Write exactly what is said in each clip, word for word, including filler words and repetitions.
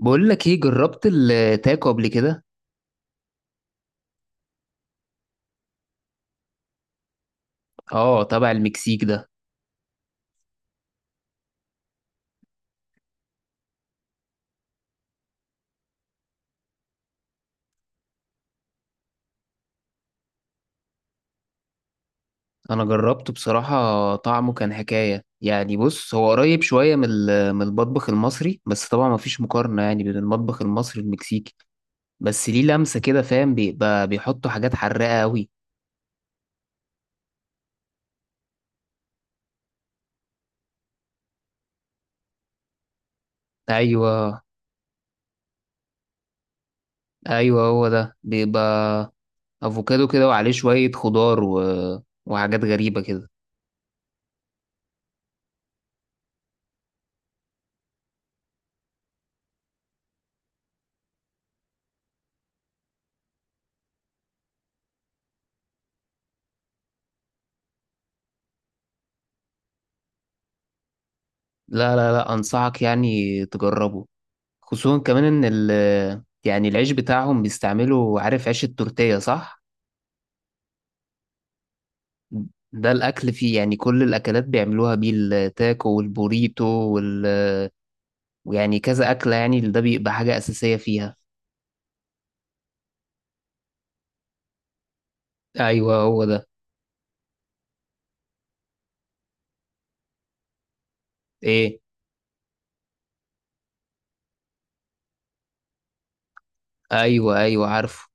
بقول لك ايه، جربت التاكو قبل كده؟ اه، تبع المكسيك ده. انا جربته بصراحة، طعمه كان حكاية يعني. بص، هو قريب شوية من ال- من المطبخ المصري، بس طبعا مفيش مقارنة يعني بين المطبخ المصري والمكسيكي. بس ليه لمسة كده، فاهم، بيبقى بيحطوا حاجات حراقة قوي. ايوه، ايوه. هو ده بيبقى افوكادو كده وعليه شوية خضار و... وحاجات غريبة كده. لا، لا، لا، انصحك يعني تجربه. خصوصا كمان ان ال يعني العيش بتاعهم بيستعملوا، عارف عيش التورتيه، صح؟ ده الاكل فيه يعني، كل الاكلات بيعملوها بيه، التاكو والبوريتو وال ويعني كذا اكله يعني، ده بيبقى حاجه اساسيه فيها. ايوه، هو ده. ايه؟ ايوه، ايوه، عارفه.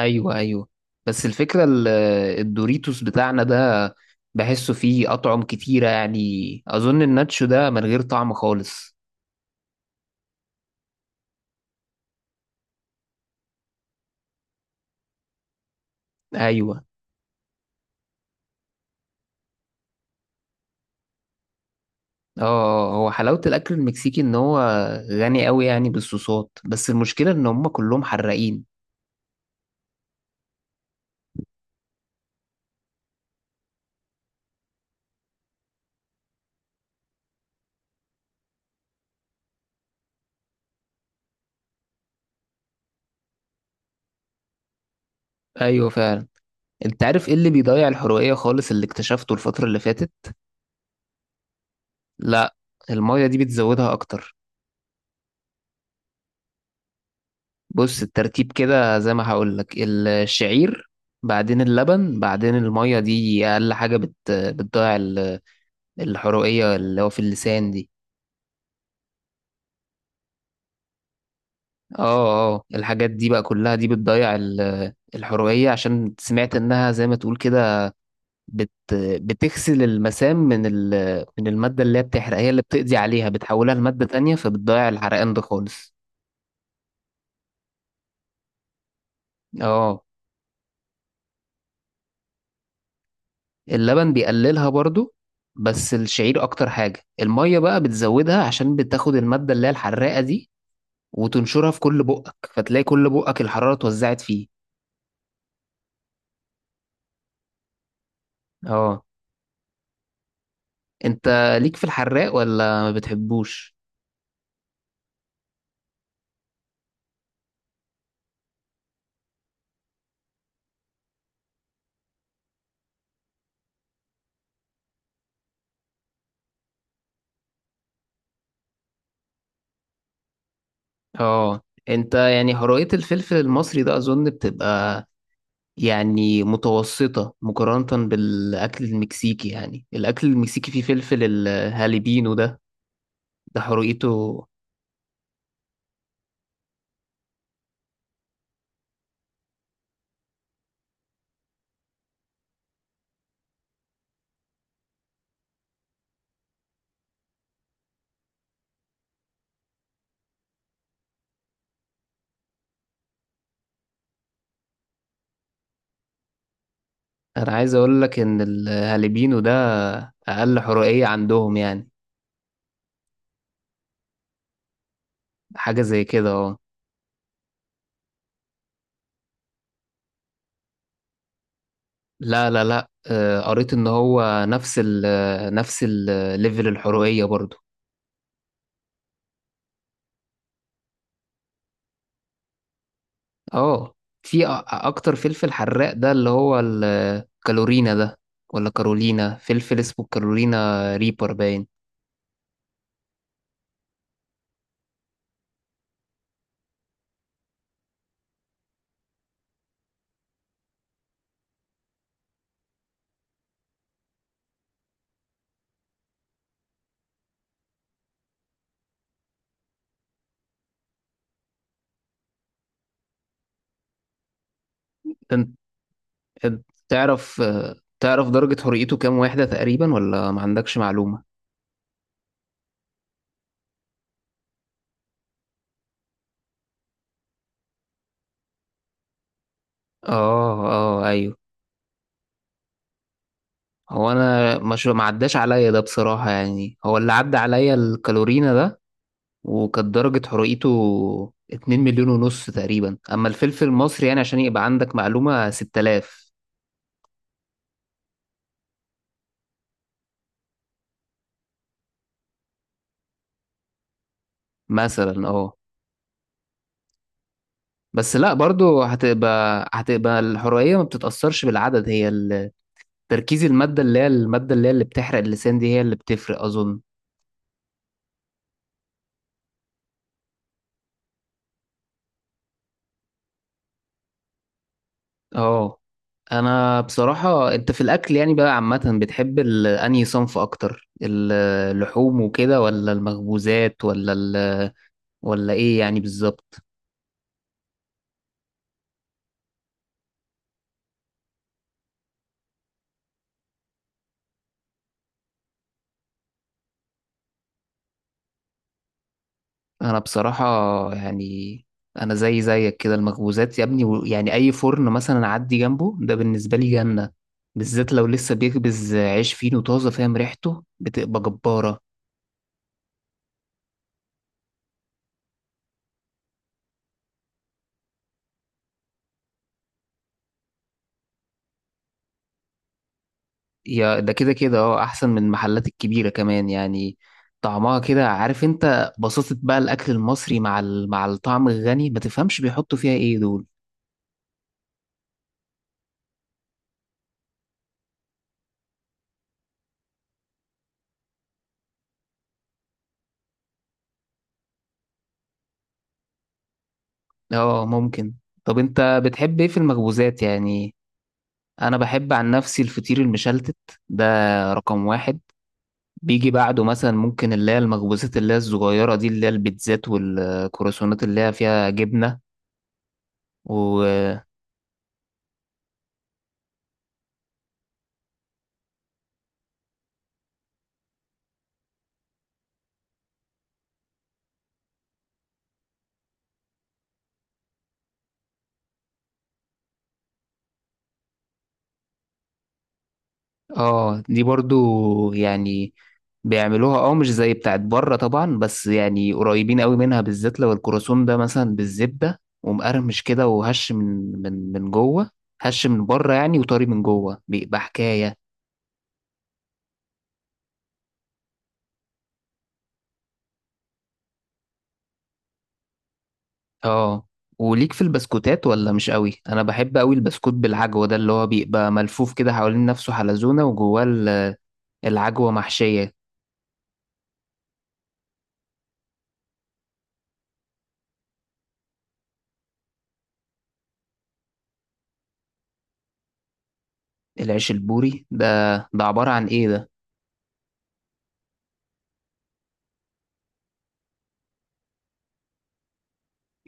ايوه، ايوه. بس الفكره ال- الدوريتوس بتاعنا ده، بحسه فيه اطعم كتيره يعني. اظن الناتشو ده من غير طعم خالص. ايوه. اه، آه، هو حلاوة الأكل المكسيكي إن هو غني أوي يعني بالصوصات، بس المشكلة إن هما كلهم حراقين. أيوة، فعلا. أنت عارف إيه اللي بيضيع الحرقية خالص اللي اكتشفته الفترة اللي فاتت؟ لأ. المية دي بتزودها أكتر. بص، الترتيب كده زي ما هقولك: الشعير، بعدين اللبن، بعدين المية. دي أقل حاجة بت... بتضيع ال- الحرقية اللي هو في اللسان دي. اه، اه، الحاجات دي بقى كلها دي بتضيع ال- الحرقية عشان سمعت إنها زي ما تقول كده، بت بتغسل المسام من ال... من المادة اللي هي بتحرق، هي اللي بتقضي عليها، بتحولها لمادة تانية، فبتضيع الحرقان ده خالص. اه، اللبن بيقللها برضو، بس الشعير اكتر حاجة. المية بقى بتزودها عشان بتاخد المادة اللي هي الحراقة دي وتنشرها في كل بقك، فتلاقي كل بقك الحرارة اتوزعت فيه. اه. انت ليك في الحراق ولا ما بتحبوش؟ اه. انت يعني هراءة الفلفل المصري ده، اظن بتبقى يعني متوسطة مقارنة بالأكل المكسيكي. يعني الأكل المكسيكي فيه فلفل الهاليبينو ده، ده حرقته! أنا عايز أقول لك إن الهاليبينو ده أقل حرقية عندهم يعني. حاجة زي كده، أه. لا، لا، لا، آه، قريت إن هو نفس ال نفس الليفل الحرقية برضو. أه، في أ- أكتر فلفل حراق، ده اللي هو الكالورينا ده، ولا كارولينا، فلفل اسمه كارولينا ريبر باين. تعرف تعرف درجة حريته كام واحدة تقريبا، ولا ما عندكش معلومة؟ اه، اه، ايوه. هو انا مش، ما عداش عليا ده بصراحة يعني، هو اللي عدى عليا الكالورينا ده، وكانت درجة حرقته اتنين مليون ونص تقريبا. اما الفلفل المصري، يعني عشان يبقى عندك معلومة، ستة آلاف. مثلا، اه. بس لا، برضو هتبقى هتبقى الحرقية ما بتتأثرش بالعدد، هي ال- تركيز المادة، اللي هي المادة اللي هي اللي بتحرق اللسان دي، هي اللي بتفرق أظن. اه. انا بصراحة، انت في الاكل يعني بقى عامة بتحب ال- انهي صنف اكتر، ال- اللحوم وكده، ولا المخبوزات، ولا ال ولا ايه يعني بالظبط؟ انا بصراحة يعني، انا زي زيك كده، المخبوزات يا ابني و- يعني، اي فرن مثلا اعدي جنبه، ده بالنسبة لي جنة. بالذات لو لسه بيخبز عيش فينو طازة، فاهم، ريحته بتبقى جبارة. يا، ده كده كده، اه، احسن من المحلات الكبيره كمان يعني. طعمها كده، عارف انت، بساطة بقى الاكل المصري مع ال... مع الطعم الغني، ما تفهمش بيحطوا فيها ايه دول. اه، ممكن. طب انت بتحب ايه في المخبوزات يعني؟ انا بحب عن نفسي الفطير المشلتت، ده رقم واحد. بيجي بعده مثلا ممكن اللي هي المخبوزات اللي هي الصغيره دي، اللي هي البيتزات والكرواسونات اللي هي فيها جبنه و... اه، دي برضو يعني بيعملوها، اه، مش زي بتاعت بره طبعا، بس يعني قريبين قوي منها، بالذات لو الكروسون ده مثلا بالزبدة ومقرمش كده وهش من من من جوه. هش من بره يعني، وطري من جوه، بيبقى حكاية. اه. وليك في البسكوتات ولا مش قوي؟ انا بحب قوي البسكوت بالعجوة ده اللي هو بيبقى ملفوف كده حوالين نفسه حلزونة وجواه ال- العجوة محشية. العيش البوري ده ده عبارة عن ايه ده؟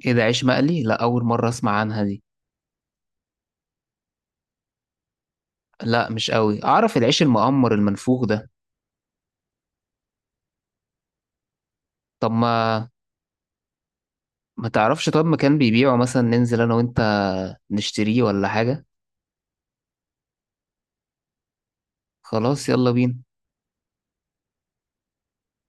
ايه ده، عيش مقلي؟ لا، اول مرة اسمع عنها دي. لا، مش قوي. اعرف العيش المقمر المنفوخ ده. طب، ما ما تعرفش طب مكان بيبيعه مثلا؟ ننزل انا وانت نشتريه ولا حاجة. خلاص، يلا بينا.